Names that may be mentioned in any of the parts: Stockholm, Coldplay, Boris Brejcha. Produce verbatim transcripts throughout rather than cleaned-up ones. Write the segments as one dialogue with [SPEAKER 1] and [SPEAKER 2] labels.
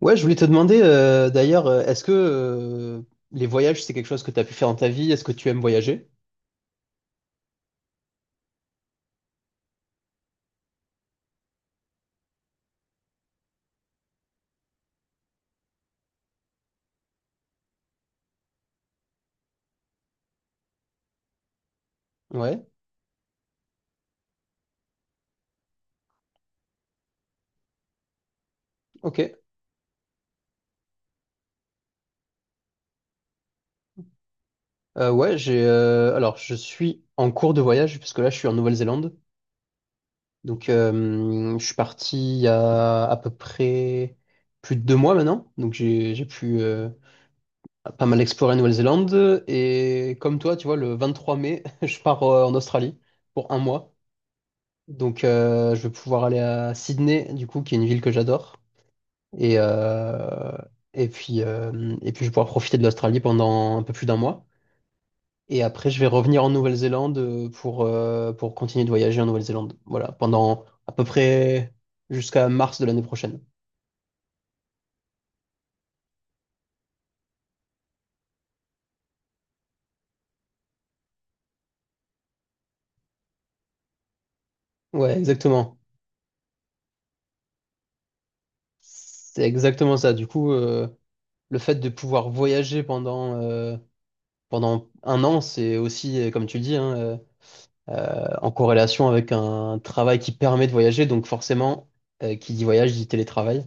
[SPEAKER 1] Ouais, je voulais te demander euh, d'ailleurs, euh, est-ce que euh, les voyages, c'est quelque chose que tu as pu faire dans ta vie? Est-ce que tu aimes voyager? Ouais, ok. Euh, ouais, j'ai euh, alors je suis en cours de voyage parce que là je suis en Nouvelle-Zélande. Donc euh, je suis parti il y a à peu près plus de deux mois maintenant. Donc j'ai j'ai pu euh, pas mal explorer la Nouvelle-Zélande, et comme toi, tu vois, le vingt-trois mai, je pars euh, en Australie pour un mois. Donc euh, je vais pouvoir aller à Sydney, du coup, qui est une ville que j'adore. Et, euh, et puis, euh, et puis, je vais pouvoir profiter de l'Australie pendant un peu plus d'un mois. Et après, je vais revenir en Nouvelle-Zélande euh, pour, euh, pour continuer de voyager en Nouvelle-Zélande. Voilà, pendant à peu près jusqu'à mars de l'année prochaine. Ouais, exactement. C'est exactement ça. Du coup, euh, le fait de pouvoir voyager pendant, euh, pendant un an, c'est aussi, euh, comme tu le dis, hein, euh, euh, en corrélation avec un travail qui permet de voyager. Donc forcément, euh, qui dit voyage dit télétravail.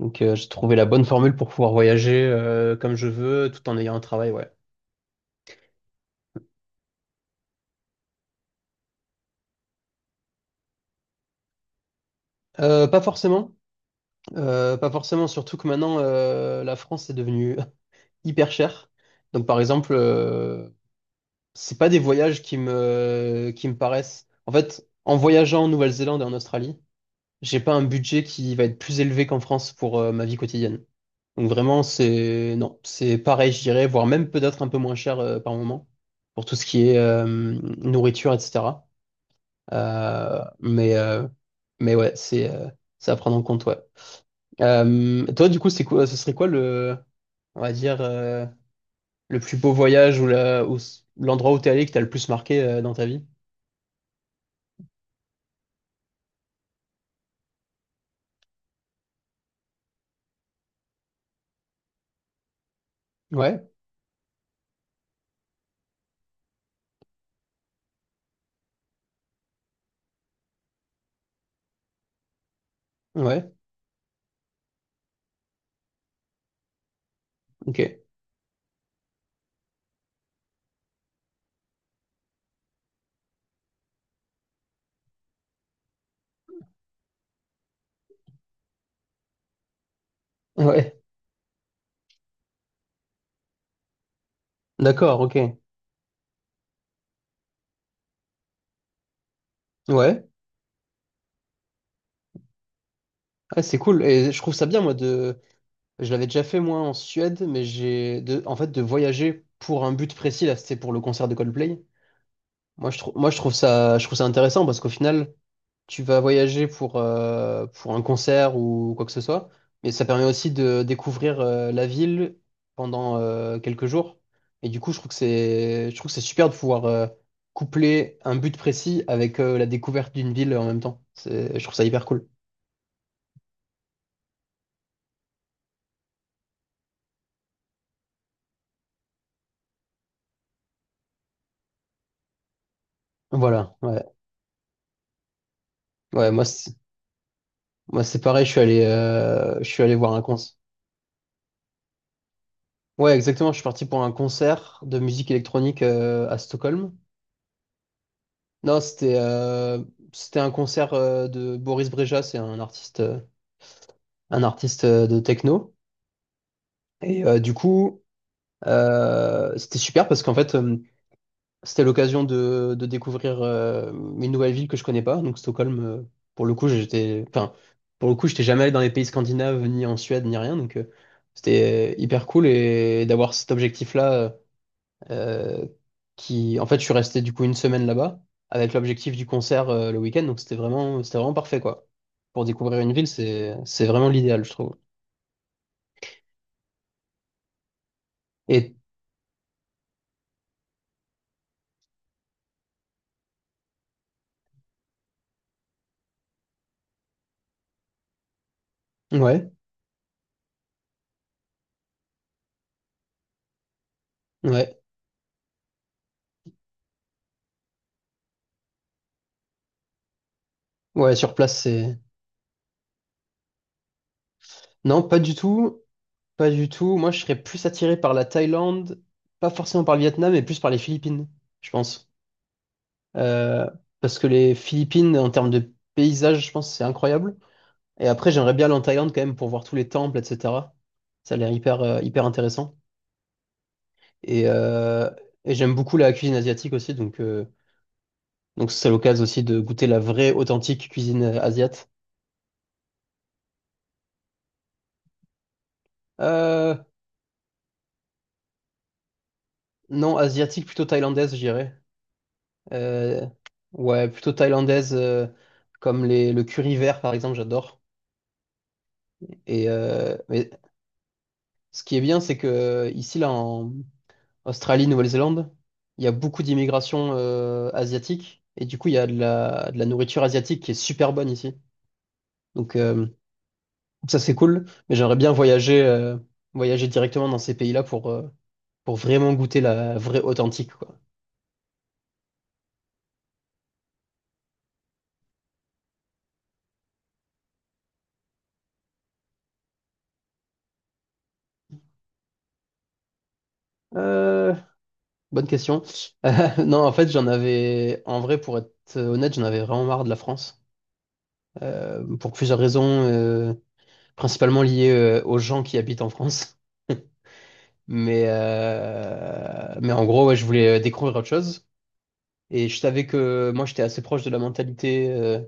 [SPEAKER 1] Donc, euh, j'ai trouvé la bonne formule pour pouvoir voyager euh, comme je veux, tout en ayant un travail, ouais. Euh, pas forcément, Euh, pas forcément, surtout que maintenant, euh, la France est devenue hyper chère. Donc, par exemple, euh, c'est pas des voyages qui me, qui me paraissent. En fait, en voyageant en Nouvelle-Zélande et en Australie, j'ai pas un budget qui va être plus élevé qu'en France pour euh, ma vie quotidienne. Donc, vraiment, c'est, non, c'est pareil, je dirais, voire même peut-être un peu moins cher euh, par moment pour tout ce qui est euh, nourriture, et cetera. Euh, mais, euh, mais ouais, c'est euh, c'est à prendre en compte, ouais. Euh, toi, du coup, c'est quoi, ce serait quoi le, on va dire, euh, le plus beau voyage ou la, ou s- l'endroit où t'es allé qui t'a le plus marqué euh, dans ta vie? Ouais, ouais, ok. Ouais, d'accord, ok. Ouais, ouais, c'est cool. Et je trouve ça bien, moi, de. Je l'avais déjà fait, moi, en Suède, mais j'ai. De... en fait, de voyager pour un but précis, là, c'était pour le concert de Coldplay. Moi, je trouve, moi, je trouve ça, je trouve ça intéressant parce qu'au final, tu vas voyager pour, euh, pour un concert ou quoi que ce soit, mais ça permet aussi de découvrir euh, la ville pendant euh, quelques jours. Et du coup, je trouve que c'est, je trouve que c'est super de pouvoir euh, coupler un but précis avec euh, la découverte d'une ville en même temps. C'est, je trouve ça hyper cool. Voilà, ouais. Ouais, moi, c'est- moi, c'est pareil, je suis allé, euh, je suis allé voir un concert. Ouais, exactement, je suis parti pour un concert de musique électronique euh, à Stockholm. Non, c'était euh, c'était un concert euh, de Boris Brejcha, c'est un artiste euh, un artiste euh, de techno. Et euh, du coup, euh, c'était super parce qu'en fait, euh, c'était l'occasion de, de découvrir euh, une nouvelle ville que je connais pas. Donc Stockholm, euh, pour le coup, j'étais enfin pour le coup, j'étais jamais allé dans les pays scandinaves, ni en Suède, ni rien. Donc euh, c'était euh, hyper cool et d'avoir cet objectif-là. euh, euh, qui, en fait, je suis resté du coup une semaine là-bas avec l'objectif du concert euh, le week-end. Donc c'était vraiment, c'était vraiment parfait quoi. Pour découvrir une ville, c'est, c'est vraiment l'idéal, je trouve. Et ouais, ouais, ouais, sur place, c'est. Non, pas du tout, pas du tout. Moi, je serais plus attiré par la Thaïlande, pas forcément par le Vietnam, mais plus par les Philippines, je pense. Euh, Parce que les Philippines, en termes de paysage, je pense, que c'est incroyable. Et après, j'aimerais bien aller en Thaïlande quand même pour voir tous les temples, et cetera. Ça a l'air hyper, euh, hyper intéressant. Et, euh, et j'aime beaucoup la cuisine asiatique aussi, donc euh, donc c'est l'occasion aussi de goûter la vraie, authentique cuisine euh, asiate. Euh, non, asiatique, plutôt thaïlandaise, je dirais. Euh, ouais, plutôt thaïlandaise, euh, comme les, le curry vert, par exemple, j'adore. Et euh, mais ce qui est bien, c'est que ici, là, en Australie, Nouvelle-Zélande, il y a beaucoup d'immigration euh, asiatique, et du coup, il y a de la, de la nourriture asiatique qui est super bonne ici. Donc, euh, ça, c'est cool, mais j'aimerais bien voyager, euh, voyager directement dans ces pays-là pour, euh, pour vraiment goûter la vraie authentique, quoi. Euh, Bonne question. Euh, non, en fait, j'en avais, en vrai, pour être honnête, j'en avais vraiment marre de la France, euh, pour plusieurs raisons, euh, principalement liées, euh, aux gens qui habitent en France. Mais, euh, mais en gros, ouais, je voulais euh, découvrir autre chose. Et je savais que moi, j'étais assez proche de la mentalité, euh,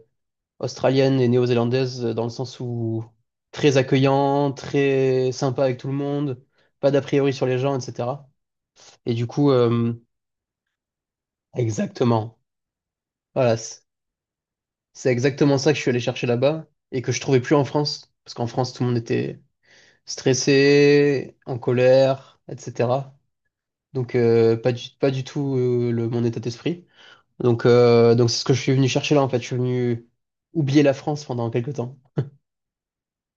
[SPEAKER 1] australienne et néo-zélandaise dans le sens où très accueillant, très sympa avec tout le monde, pas d'a priori sur les gens, et cetera. Et du coup, euh, exactement. Voilà, c- c'est exactement ça que je suis allé chercher là-bas et que je trouvais plus en France, parce qu'en France, tout le monde était stressé, en colère, et cetera. Donc euh, pas du, pas du tout euh, le, mon état d'esprit. Donc euh, donc c'est ce que je suis venu chercher là en fait. Je suis venu oublier la France pendant quelques temps.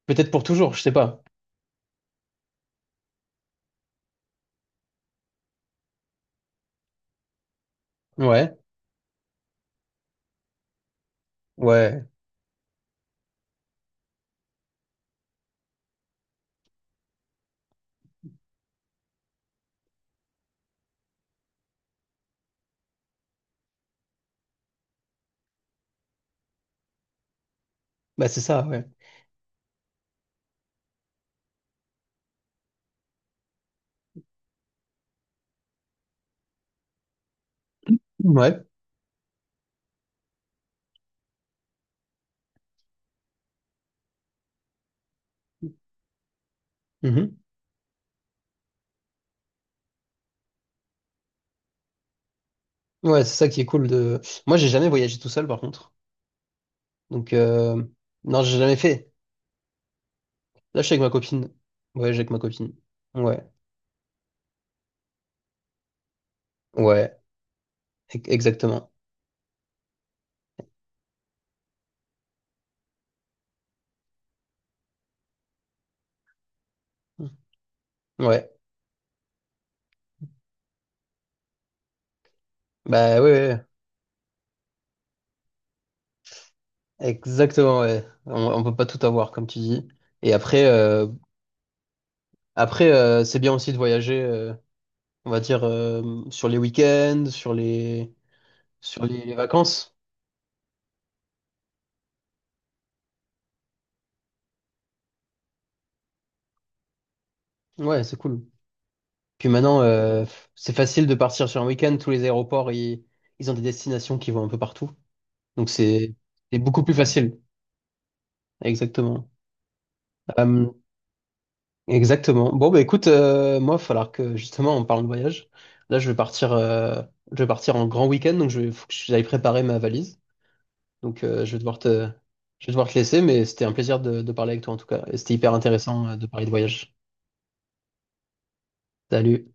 [SPEAKER 1] Peut-être pour toujours, je sais pas. Ouais, ouais. Bah, c'est ça, ouais. Ouais. Mhm. Ouais, c'est ça qui est cool de. Moi, j'ai jamais voyagé tout seul, par contre. Donc, euh... non, j'ai jamais fait. Là, je suis avec ma copine. Ouais, j'ai avec ma copine. Ouais. Ouais. E- Exactement. Ouais. Bah, ouais, ouais. Ouais. Exactement, ouais. On, on peut pas tout avoir, comme tu dis. Et après, euh... après, euh, c'est bien aussi de voyager, euh, on va dire, euh, sur les week-ends, sur les, sur les les vacances. Ouais, c'est cool. Puis maintenant, euh, c'est facile de partir sur un week-end. Tous les aéroports, ils, ils ont des destinations qui vont un peu partout. Donc c'est c'est beaucoup plus facile. Exactement. Euh, Exactement. Bon, bah écoute, euh, moi, il va falloir que justement on parle de voyage. Là, je vais partir, euh, je vais partir en grand week-end, donc je vais, faut que j'aille préparer ma valise. Donc euh, je vais devoir te, je vais devoir te laisser, mais c'était un plaisir de, de parler avec toi en tout cas. Et c'était hyper intéressant euh, de parler de voyage. Salut.